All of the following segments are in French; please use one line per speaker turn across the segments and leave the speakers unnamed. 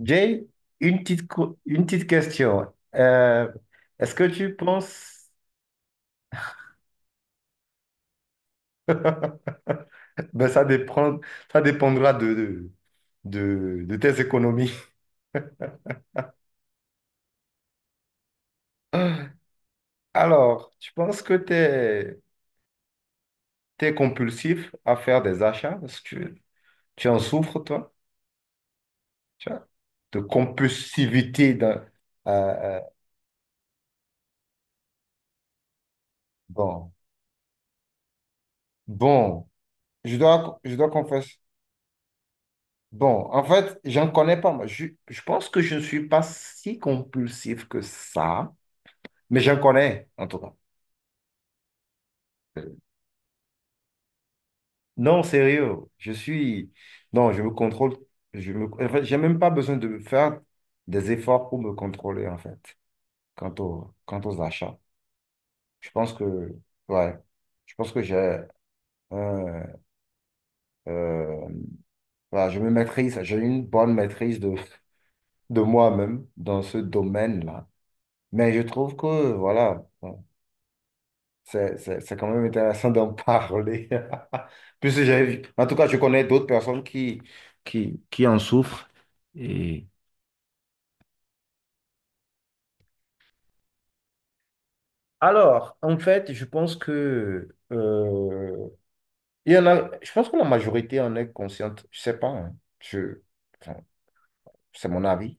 Jay, une petite question. Est-ce que tu penses... Ben, ça dépend, ça dépendra de tes économies. Alors, tu penses que tu es, compulsif à faire des achats? Est-ce que tu en souffres, toi? Tu vois, de compulsivité euh, euh, bon, bon, je dois confesser. Bon, en fait, j'en connais pas, moi. Je pense que je ne suis pas si compulsif que ça, mais j'en connais, en tout cas. Non, sérieux, je suis... Non, je me contrôle. Je me... En fait, j'ai même pas besoin de faire des efforts pour me contrôler, en fait, quant aux achats. Je pense que... Ouais, je pense que j'ai... un, euh, voilà, je me maîtrise, j'ai une bonne maîtrise de, de moi-même dans ce domaine-là. Mais je trouve que, voilà... bon, c'est quand même intéressant d'en parler. Puisque j'ai vu. En tout cas, je connais d'autres personnes qui en souffrent. Et... Alors, en fait, je pense que il y en a, je pense que la majorité en est consciente. Je sais pas, hein. Enfin, c'est mon avis.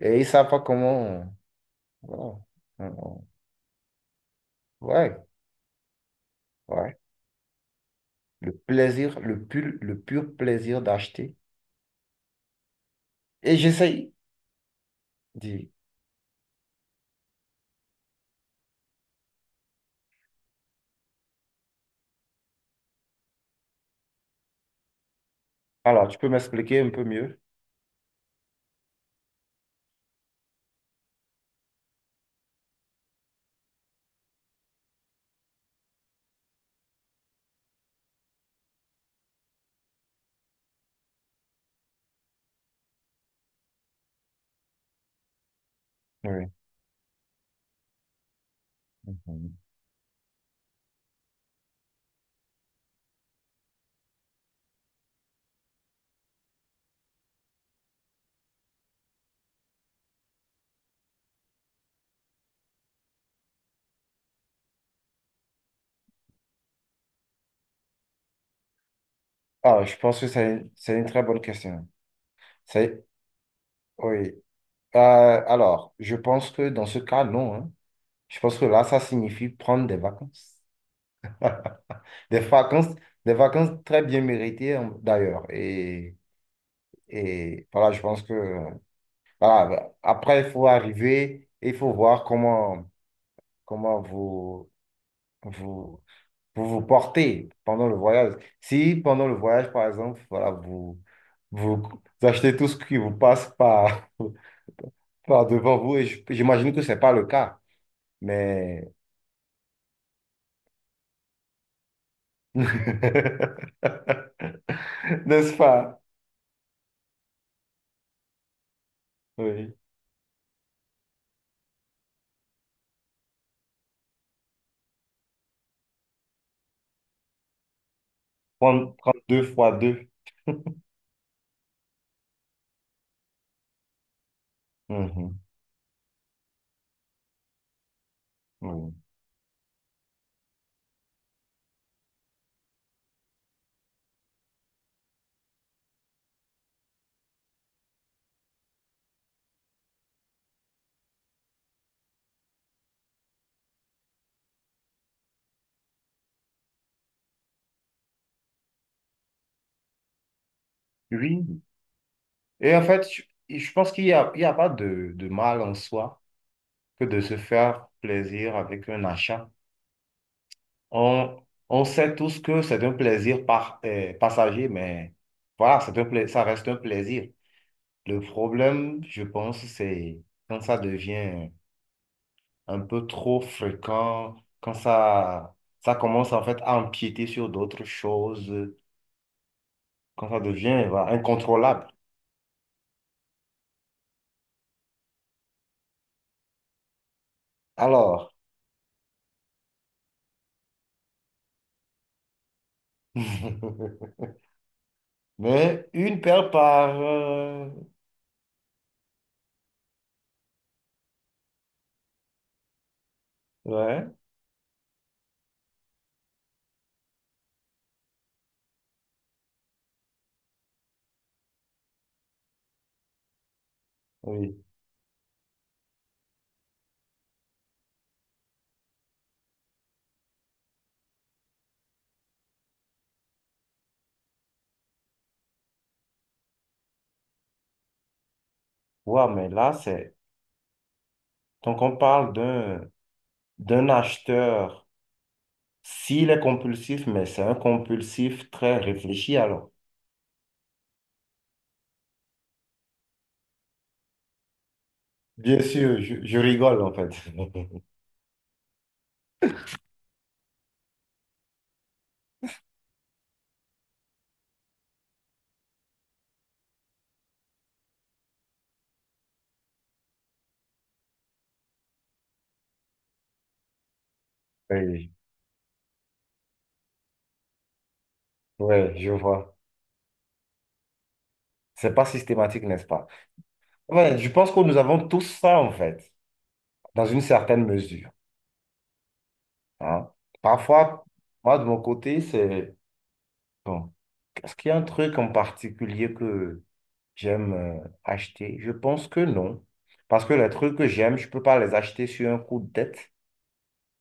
Et ils savent pas comment. Voilà. On- on- Ouais, ouais. Le plaisir, le pur plaisir d'acheter. Et j'essaye. d'y- Alors, tu peux m'expliquer un peu mieux? Oui. Mhm. Ah, je pense que c'est une très bonne question. C'est, oui. Alors, je pense que dans ce cas, non, hein. Je pense que là, ça signifie prendre des vacances. Des vacances, des vacances très bien méritées, hein, d'ailleurs. Et voilà, je pense que voilà, après, il faut arriver et il faut voir comment vous, vous vous portez pendant le voyage. Si pendant le voyage, par exemple, voilà, vous achetez tout ce qui vous passe par. par devant vous et j'imagine que ce n'est pas le cas, mais n'est-ce pas? Oui. Prendre deux fois deux. Mhm. Oui. Oui. Et en fait, je pense qu'il n'y a, il y a pas de mal en soi que de se faire plaisir avec un achat. On, on sait tous que c'est un plaisir passager, mais voilà, c'est ça reste un plaisir. Le problème, je pense, c'est quand ça devient un peu trop fréquent, quand ça commence en fait à empiéter sur d'autres choses, quand ça devient voilà, incontrôlable. Alors, mais une paire ouais, oui. Ouais, mais là, c'est... Donc, on parle d'un acheteur, s'il est compulsif, mais c'est un compulsif très réfléchi, alors. Bien sûr, je rigole, en fait. Oui, ouais, je vois. C'est pas systématique, n'est-ce pas? Ouais, je pense que nous avons tous ça, en fait, dans une certaine mesure, hein. Parfois, moi, de mon côté, c'est... Bon, est-ce qu'il y a un truc en particulier que j'aime acheter? Je pense que non. Parce que les trucs que j'aime, je peux pas les acheter sur un coup de tête.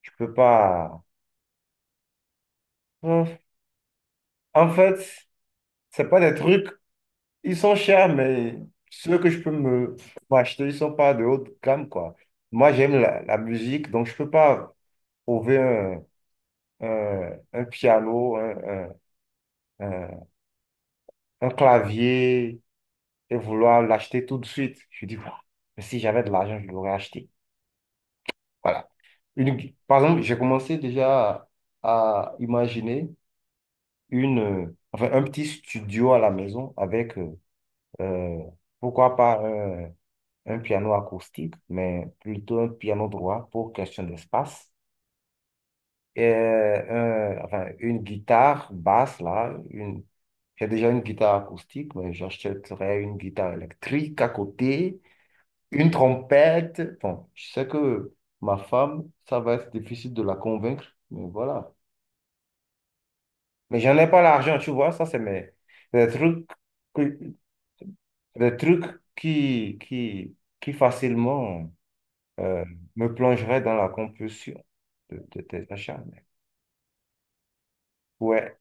Je peux pas... Hum. En fait, c'est pas des trucs... Ils sont chers, mais ceux que je peux me m'acheter, ils sont pas de haute gamme, quoi. Moi, j'aime la musique, donc je peux pas trouver un piano, un- un clavier et vouloir l'acheter tout de suite. Je dis, ah, mais si j'avais de l'argent, je l'aurais acheté. Voilà. Une, Par exemple, j'ai commencé déjà à imaginer enfin, un petit studio à la maison avec, euh, pourquoi pas, un piano acoustique, mais plutôt un piano droit pour question d'espace et enfin, une guitare basse, là. Une... J'ai déjà une guitare acoustique, mais j'achèterais une guitare électrique à côté, une trompette. Bon, je sais que ma femme, ça va être difficile de la convaincre, mais voilà. Mais j'en ai pas l'argent, tu vois, ça, c'est mes... des trucs, que- des trucs qui, qui, qui facilement euh, me plongeraient dans la compulsion de tes achats. Ouais,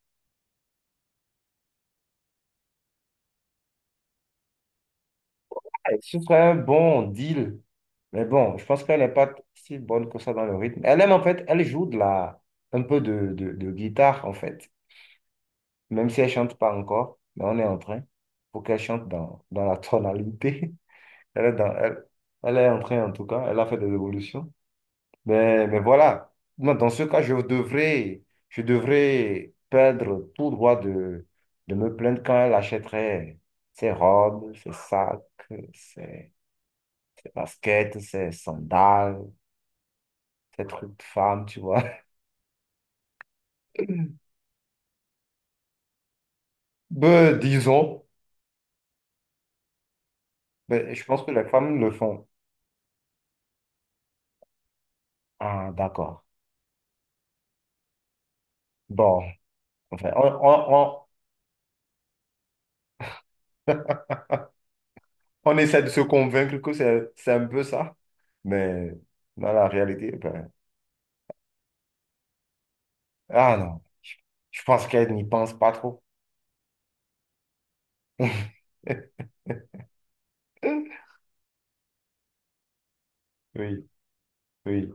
ce serait un bon deal. Mais bon, je pense qu'elle n'est pas si bonne que ça dans le rythme. Elle aime en fait, elle joue un peu de guitare en fait, même si elle chante pas encore, mais on est en train pour qu'elle chante dans la tonalité. Elle est dans, elle, elle est en train en tout cas, elle a fait des évolutions. Mais voilà. Moi, dans ce cas, je devrais perdre tout droit de me plaindre quand elle achèterait ses robes, ses sacs, ses, ses baskets, ses sandales. Ces truc de femmes, tu vois. Ben, disons, ben, je pense que les femmes le font. Ah, d'accord. Bon, enfin, on essaie de se convaincre que c'est un peu ça, mais dans la réalité, ben, ah non, je pense qu'elles n'y pensent pas trop. Oui, oui,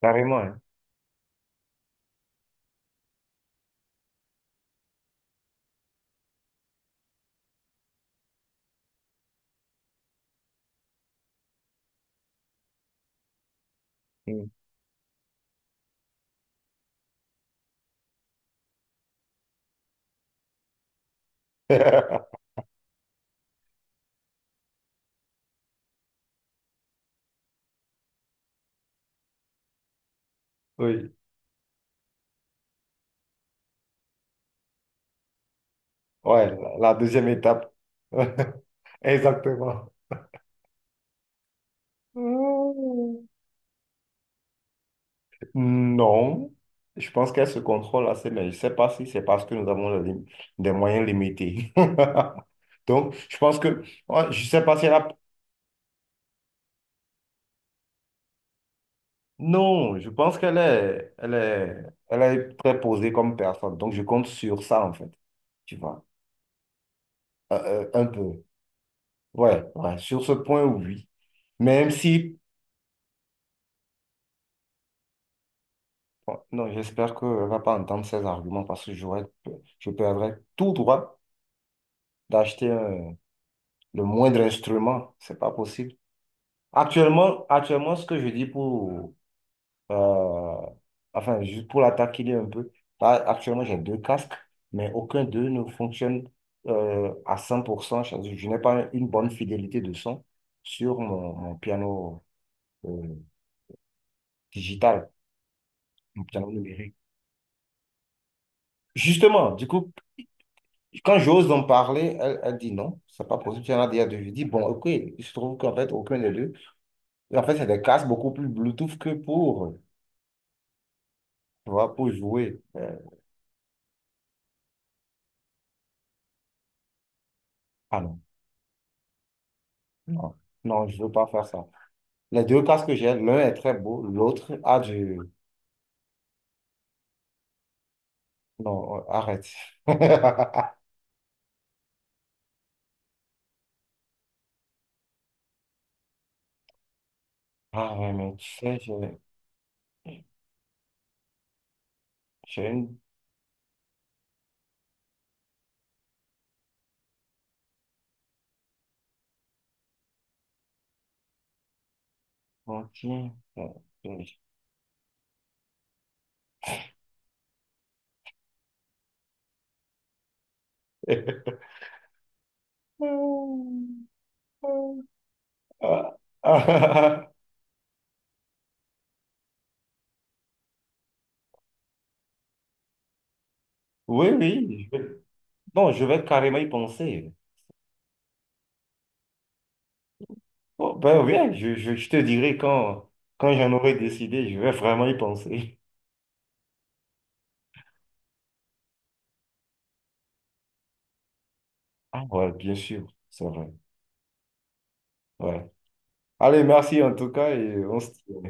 carrément, hein. Mm. Oui, ouais, la deuxième étape. Exactement. Non, je pense qu'elle se contrôle assez, mais je ne sais pas si c'est parce que nous avons des moyens limités. Donc, je pense que, ouais, je ne sais pas si elle a... Non, je pense qu'elle est très posée comme personne. Donc, je compte sur ça, en fait, tu vois. Un peu. Ouais, ouais, sur ce point, oui. Même si, bon, non, j'espère qu'elle ne va pas entendre ces arguments parce que je perdrais tout droit d'acheter le moindre instrument. C'est pas possible. Actuellement, ce que je dis euh, enfin, juste pour la taquiner un peu, là, actuellement, j'ai deux casques, mais aucun d'eux ne fonctionne à 100%. Je n'ai pas une bonne fidélité de son sur mon piano euh, digital, mon piano numérique. Justement, du coup, quand j'ose en parler, elle dit non, c'est pas possible. J'en ai déjà deux. Je dis, bon, ok, il se trouve qu'en fait, aucun des deux. Et en fait, c'est des casques beaucoup plus Bluetooth que pour, tu vois, pour jouer. Ah non. Non, non, je veux pas faire ça. Les deux casques que j'ai, l'un est très beau, l'autre a du... Non, arrête. Ah ouais, mais tu sais, j'ai une lentille. Ah, ah, Oui, oui. Non, je vais carrément y penser. Oh, ben oui, je te dirai quand j'en aurai décidé, je vais vraiment y penser. Ah ouais, bien sûr, c'est vrai. Ouais. Allez, merci en tout cas et on se tient.